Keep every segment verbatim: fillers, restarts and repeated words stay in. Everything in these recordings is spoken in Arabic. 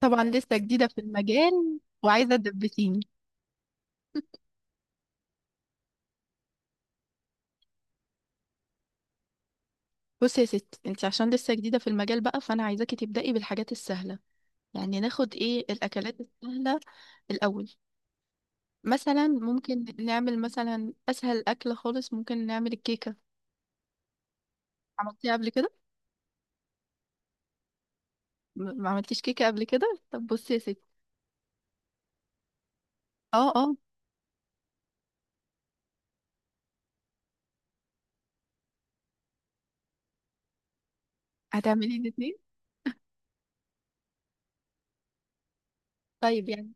طبعا لسه جديدة في المجال وعايزة تدبسيني. بصي يا ستي، انت عشان لسه جديدة في المجال بقى فانا عايزاكي تبدأي بالحاجات السهلة. يعني ناخد ايه الاكلات السهلة الاول؟ مثلا ممكن نعمل مثلا اسهل اكل خالص، ممكن نعمل الكيكة. عملتيها قبل كده؟ م- ما عملتيش كيكة قبل كده. طب بصي يا ستي. اه اه. هتعملي الاتنين. طيب يعني،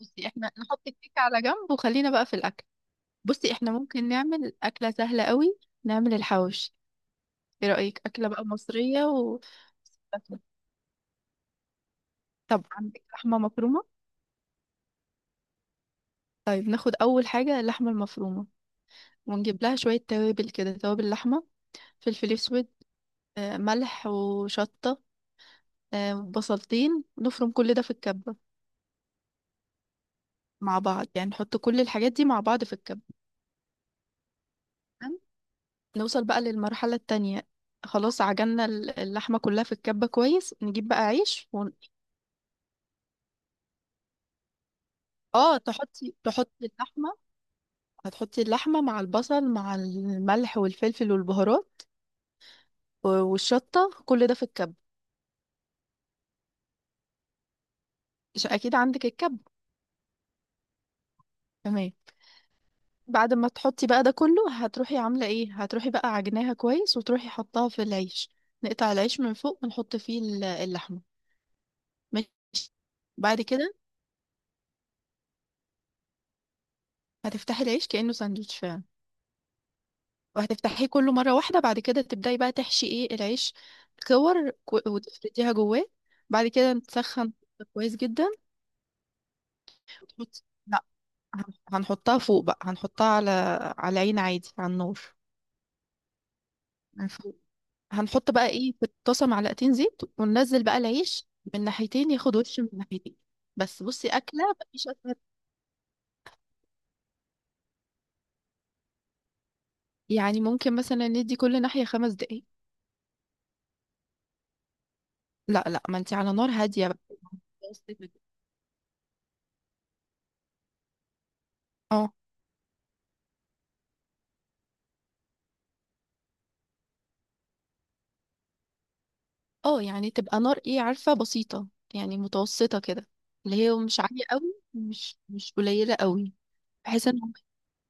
بصي احنا نحط الكيكة على جنب وخلينا بقى في الاكل. بصي احنا ممكن نعمل اكلة سهلة قوي، نعمل الحواوشي. ايه رأيك أكلة بقى مصرية و... طب عندك لحمة مفرومة؟ طيب ناخد أول حاجة اللحمة المفرومة، ونجيب لها شوية توابل كده، توابل لحمة، فلفل أسود، آه، ملح وشطة، آه، بصلتين، نفرم كل ده في الكبة. مع بعض، يعني نحط كل الحاجات دي مع بعض في الكبة. تمام؟ نوصل بقى للمرحلة التانية. خلاص عجننا ال- اللحمة كلها في الكبة كويس، نجيب بقى عيش ون... اه تحطي تحطي اللحمة، هتحطي اللحمة مع البصل مع الملح والفلفل والبهارات و- والشطة كل ده في الكب، عشان أكيد عندك الكب. تمام. بعد ما تحطي بقى ده كله، هتروحي عاملة ايه؟ هتروحي بقى عجناها كويس وتروحي حطاها في العيش، نقطع العيش من فوق ونحط فيه ال- اللحمة. ماشي. بعد كده هتفتحي العيش كأنه ساندوتش فعلا، وهتفتحيه كله مرة واحدة، بعد كده تبدأي بقى تحشي ايه العيش، كور كو- وتفرديها جواه. بعد كده نسخن كويس جدا. هتحطي، لا، هن- هنحطها فوق بقى، هنحطها على على عين عادي على النار، من فوق. هنحط بقى ايه في الطاسه معلقتين زيت وننزل بقى العيش من ناحيتين، ياخد وش من ناحيتين. بس بصي اكله مفيش اسهل. يعني ممكن مثلا ندي كل ناحيه خمس دقايق. لا لا، ما انت على نار هاديه بقى. اه. اه، يعني تبقى نار، ايه عارفه، بسيطه، يعني متوسطه كده، اللي هي مش عاليه قوي مش مش قليله قوي، بحيث انه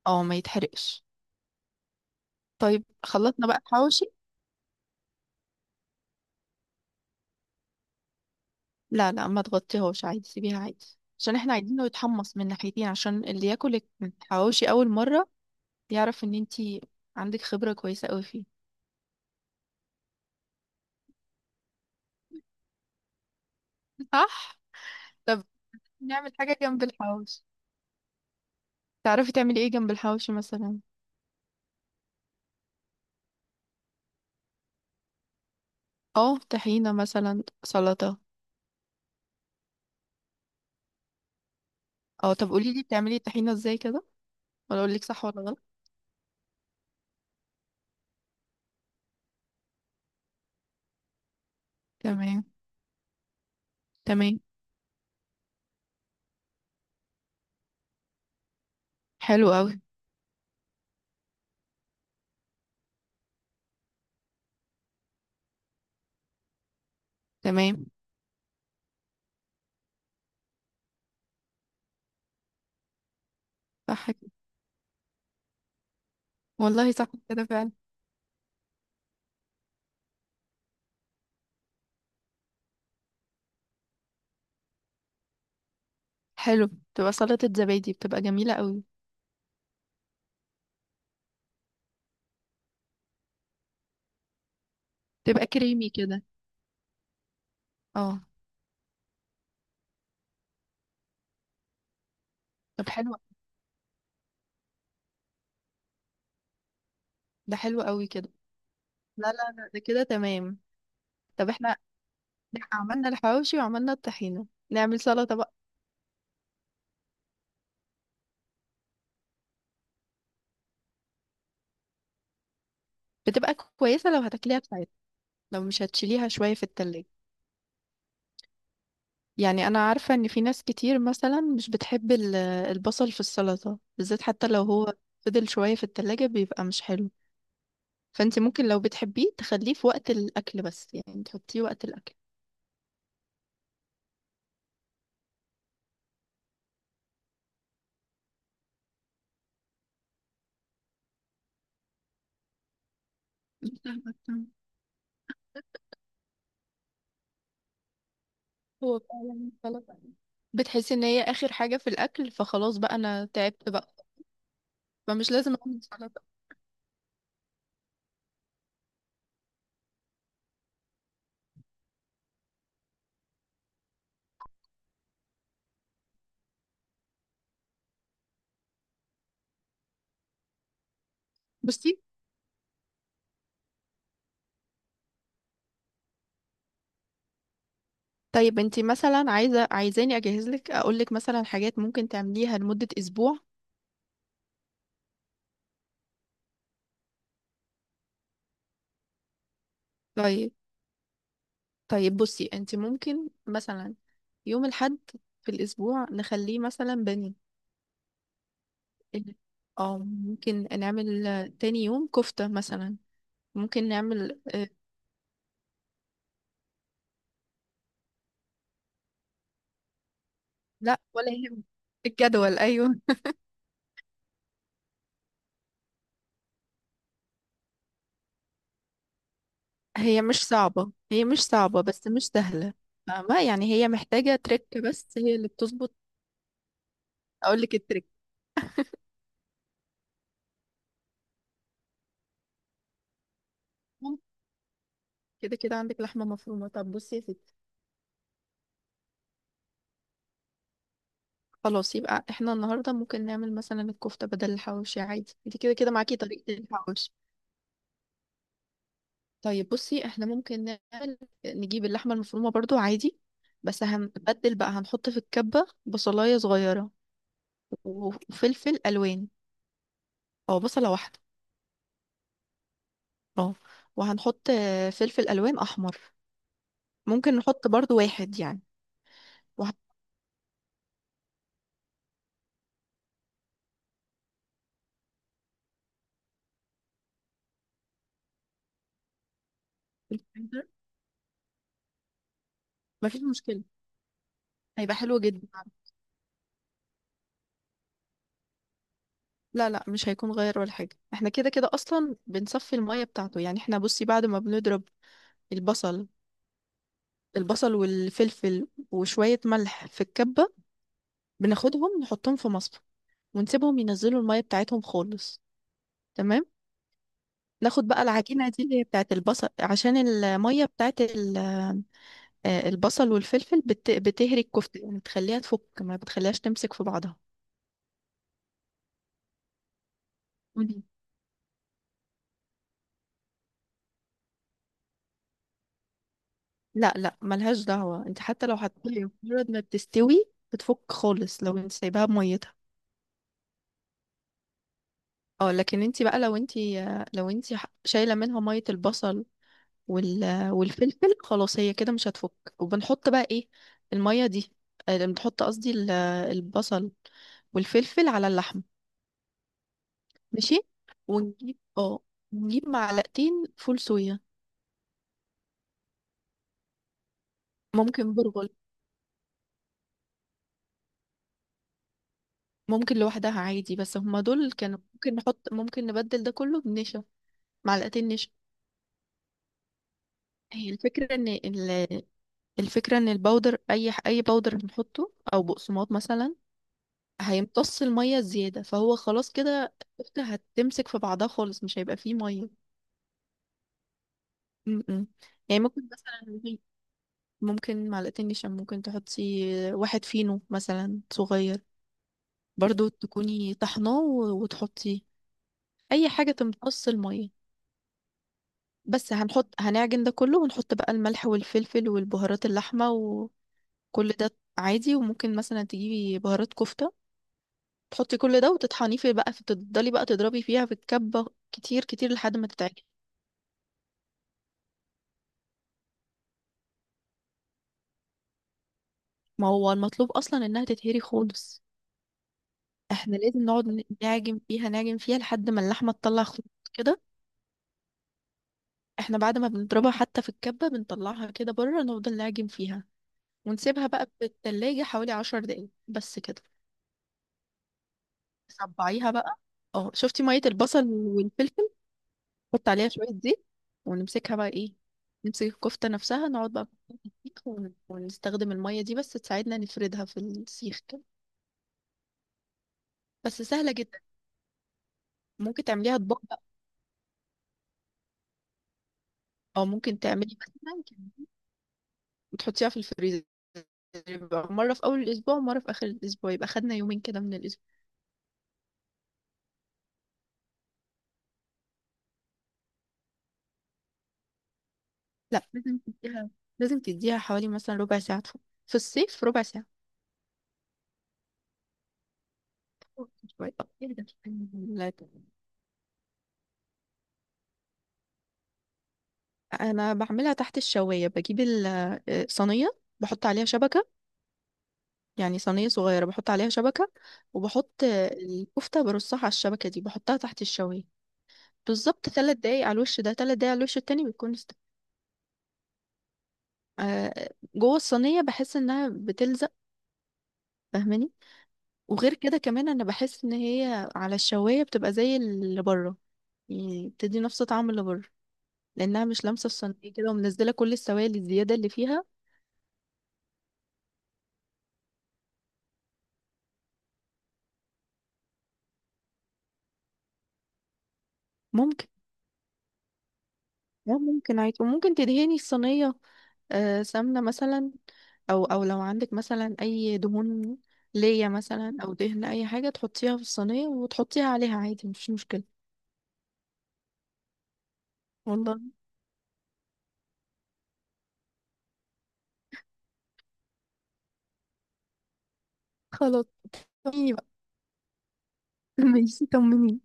اه ما يتحرقش. طيب خلطنا بقى الحواوشي. لا لا، ما تغطيهوش عادي، سيبيها عادي، عشان احنا عايزينه يتحمص من ناحيتين، عشان اللي ياكل الحواوشي اول مرة يعرف ان انتي عندك خبرة كويسة قوي فيه. صح. طب نعمل حاجة جنب الحواوشي. تعرفي تعملي ايه جنب الحواوشي مثلا؟ اه طحينة مثلا، سلطة. اه طب قولي لي بتعملي الطحينة ازاي كده، ولا اقول لك صح ولا غلط. تمام. تمام. حلو قوي. تمام. صح كده. والله صح كده فعلا. حلو. بتبقى سلطة زبادي بتبقى جميلة قوي. بتبقى كريمي كده. اه. طب حلو، ده حلو قوي كده. لا لا لا، ده كده تمام. طب احنا عملنا الحواوشي وعملنا الطحينة، نعمل سلطة بقى. بتبقى كويسة لو هتاكليها بتاعتها، لو مش هتشيليها شوية في التلاجة. يعني انا عارفة ان في ناس كتير مثلا مش بتحب ال- البصل في السلطة بالذات، حتى لو هو فضل شوية في التلاجة بيبقى مش حلو. فانت ممكن لو بتحبيه تخليه في وقت الاكل، بس يعني تحطيه وقت الاكل. بتاخد time. هو فعلا سلطة بتحسي ان هي اخر حاجة في الاكل، فخلاص بقى انا تعبت بقى، فمش لازم اعمل سلطة. بصي، طيب انتي مثلا عايزه عايزاني اجهز لك اقول لك مثلا حاجات ممكن تعمليها لمده اسبوع. طيب. طيب بصي انتي ممكن مثلا يوم الحد في الاسبوع نخليه مثلا بني ال- اه ممكن نعمل تاني يوم كفته مثلا، ممكن نعمل اه. لا ولا يهم الجدول، ايوه. هي مش صعبه، هي مش صعبه بس مش سهله. فاهمه يعني، هي محتاجه تريك بس هي اللي بتظبط. اقول لك التريك. كده كده عندك لحمه مفرومه، طب بصي يا ستي، خلاص يبقى احنا النهارده ممكن نعمل مثلا الكفته بدل الحواوشي عادي، انت كده كده معاكي طريقه الحواوشي. طيب بصي احنا ممكن نعمل، نجيب اللحمه المفرومه برضو عادي، بس هنبدل بقى، هنحط في الكبه بصلايه صغيره وفلفل الوان، او بصله واحده. اه. وهنحط آه، فلفل الوان احمر، ممكن نحط برضو واحد يعني. وهحط في الفريزر. مفيش مشكله، هيبقى حلو جدا. لا لا مش هيكون غير ولا حاجة، احنا كده كده اصلا بنصفي المية بتاعته. يعني احنا بصي بعد ما بنضرب البصل، البصل والفلفل وشوية ملح في الكبة، بناخدهم نحطهم في مصفى ونسيبهم ينزلوا المية بتاعتهم خالص. تمام. ناخد بقى العجينة دي اللي هي بتاعت البصل، عشان المية بتاعت ال- آه، البصل والفلفل بت... بتهري الكفتة، يعني بتخليها تفك ما بتخليهاش تمسك في بعضها. قولي. لا لا ملهاش دعوة، انت حتى لو هتطلعي مجرد ما بتستوي بتفك خالص لو انت سايباها بميتها. اه لكن انت بقى لو انت، آه، لو انت شايلة منها مية البصل وال... والفلفل، خلاص هي كده مش هتفك. وبنحط بقى ايه المية دي، آه، بنحط قصدي ال- البصل والفلفل على اللحم. ماشي. ونجيب اه نجيب معلقتين فول صويا. ممكن برغل. ممكن لوحدها عادي، بس هما دول كانوا ممكن نحط، ممكن نبدل ده كله بنشا. معلقتين نشا. هي الفكرة ان ال... الفكرة ان البودر، اي ح- اي بودر بنحطه او بقسماط مثلا هيمتص المية الزيادة، فهو خلاص كده الكفتة هتمسك في بعضها خالص مش هيبقى فيه مية. مم. يعني ممكن مثلا، ممكن معلقتين نشا، ممكن تحطي واحد فينو مثلا صغير، برضو تكوني طحناه و- وتحطي أي حاجة تمتص المية. بس هنحط هنعجن ده كله ونحط بقى الملح والفلفل والبهارات اللحمة وكل ده عادي. وممكن مثلا تجيبي بهارات كفتة تحطي كل ده وتطحنيه، في بقى فتفضلي بقى تضربي فيها في الكبة كتير كتير لحد ما تتعجن. ما هو المطلوب اصلا انها تتهري خالص. احنا لازم نقعد ن- نعجن فيها نعجن فيها لحد ما اللحمه تطلع خطوط كده. احنا بعد ما بنضربها حتى في الكبه بنطلعها كده بره، نفضل نعجن فيها، ونسيبها بقى في التلاجة حوالي عشر دقايق بس كده. صبعيها بقى، اه شفتي ميه البصل والفلفل، حط عليها شويه زيت، ونمسكها بقى ايه، نمسك الكفته نفسها، نقعد بقى في السيخ ون- ونستخدم الميه دي بس تساعدنا نفردها في السيخ كده. بس سهله جدا. ممكن تعمليها اطباق، او ممكن تعملي مثلا كده وتحطيها في الفريزر، يبقى مرة في أول الأسبوع ومرة في آخر الأسبوع، يبقى خدنا يومين كده من الأسبوع. لا لازم تديها، لازم تديها حوالي مثلا ربع ساعة، في الصيف ربع ساعة شوية. إيه ده؟ لا، أنا بعملها تحت الشواية. بجيب ال- الصينية، بحط عليها شبكة، يعني صينية صغيرة بحط عليها شبكة، وبحط الكفتة برصها على الشبكة دي بحطها تحت الشواية بالظبط، ثلاث دقايق على الوش ده ثلاث دقايق على الوش التاني بيكون. آه، جوه الصينية بحس انها بتلزق، فاهماني. وغير كده كمان انا بحس ان هي على الشواية بتبقى زي اللي بره، يعني بتدي نفس طعم اللي بره، لانها مش لامسة الصينية كده ومنزلة كل السوائل الزيادة اللي فيها. ممكن. اه ممكن عادي، وممكن تدهني الصينية آه، سمنة مثلا، او او لو عندك مثلا اي دهون ليا مثلا او دهن اي حاجة تحطيها في الصينية وتحطيها عليها عادي، مفيش مشكلة. والله. خلاص. طمني بقى. ماشي طمني.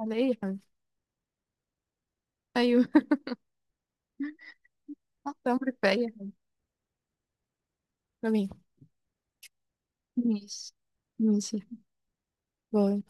على ايه يا حبيبي. ايوه. تحت امرك في اي حاجه. تمام. ماشي. ماشي. باي.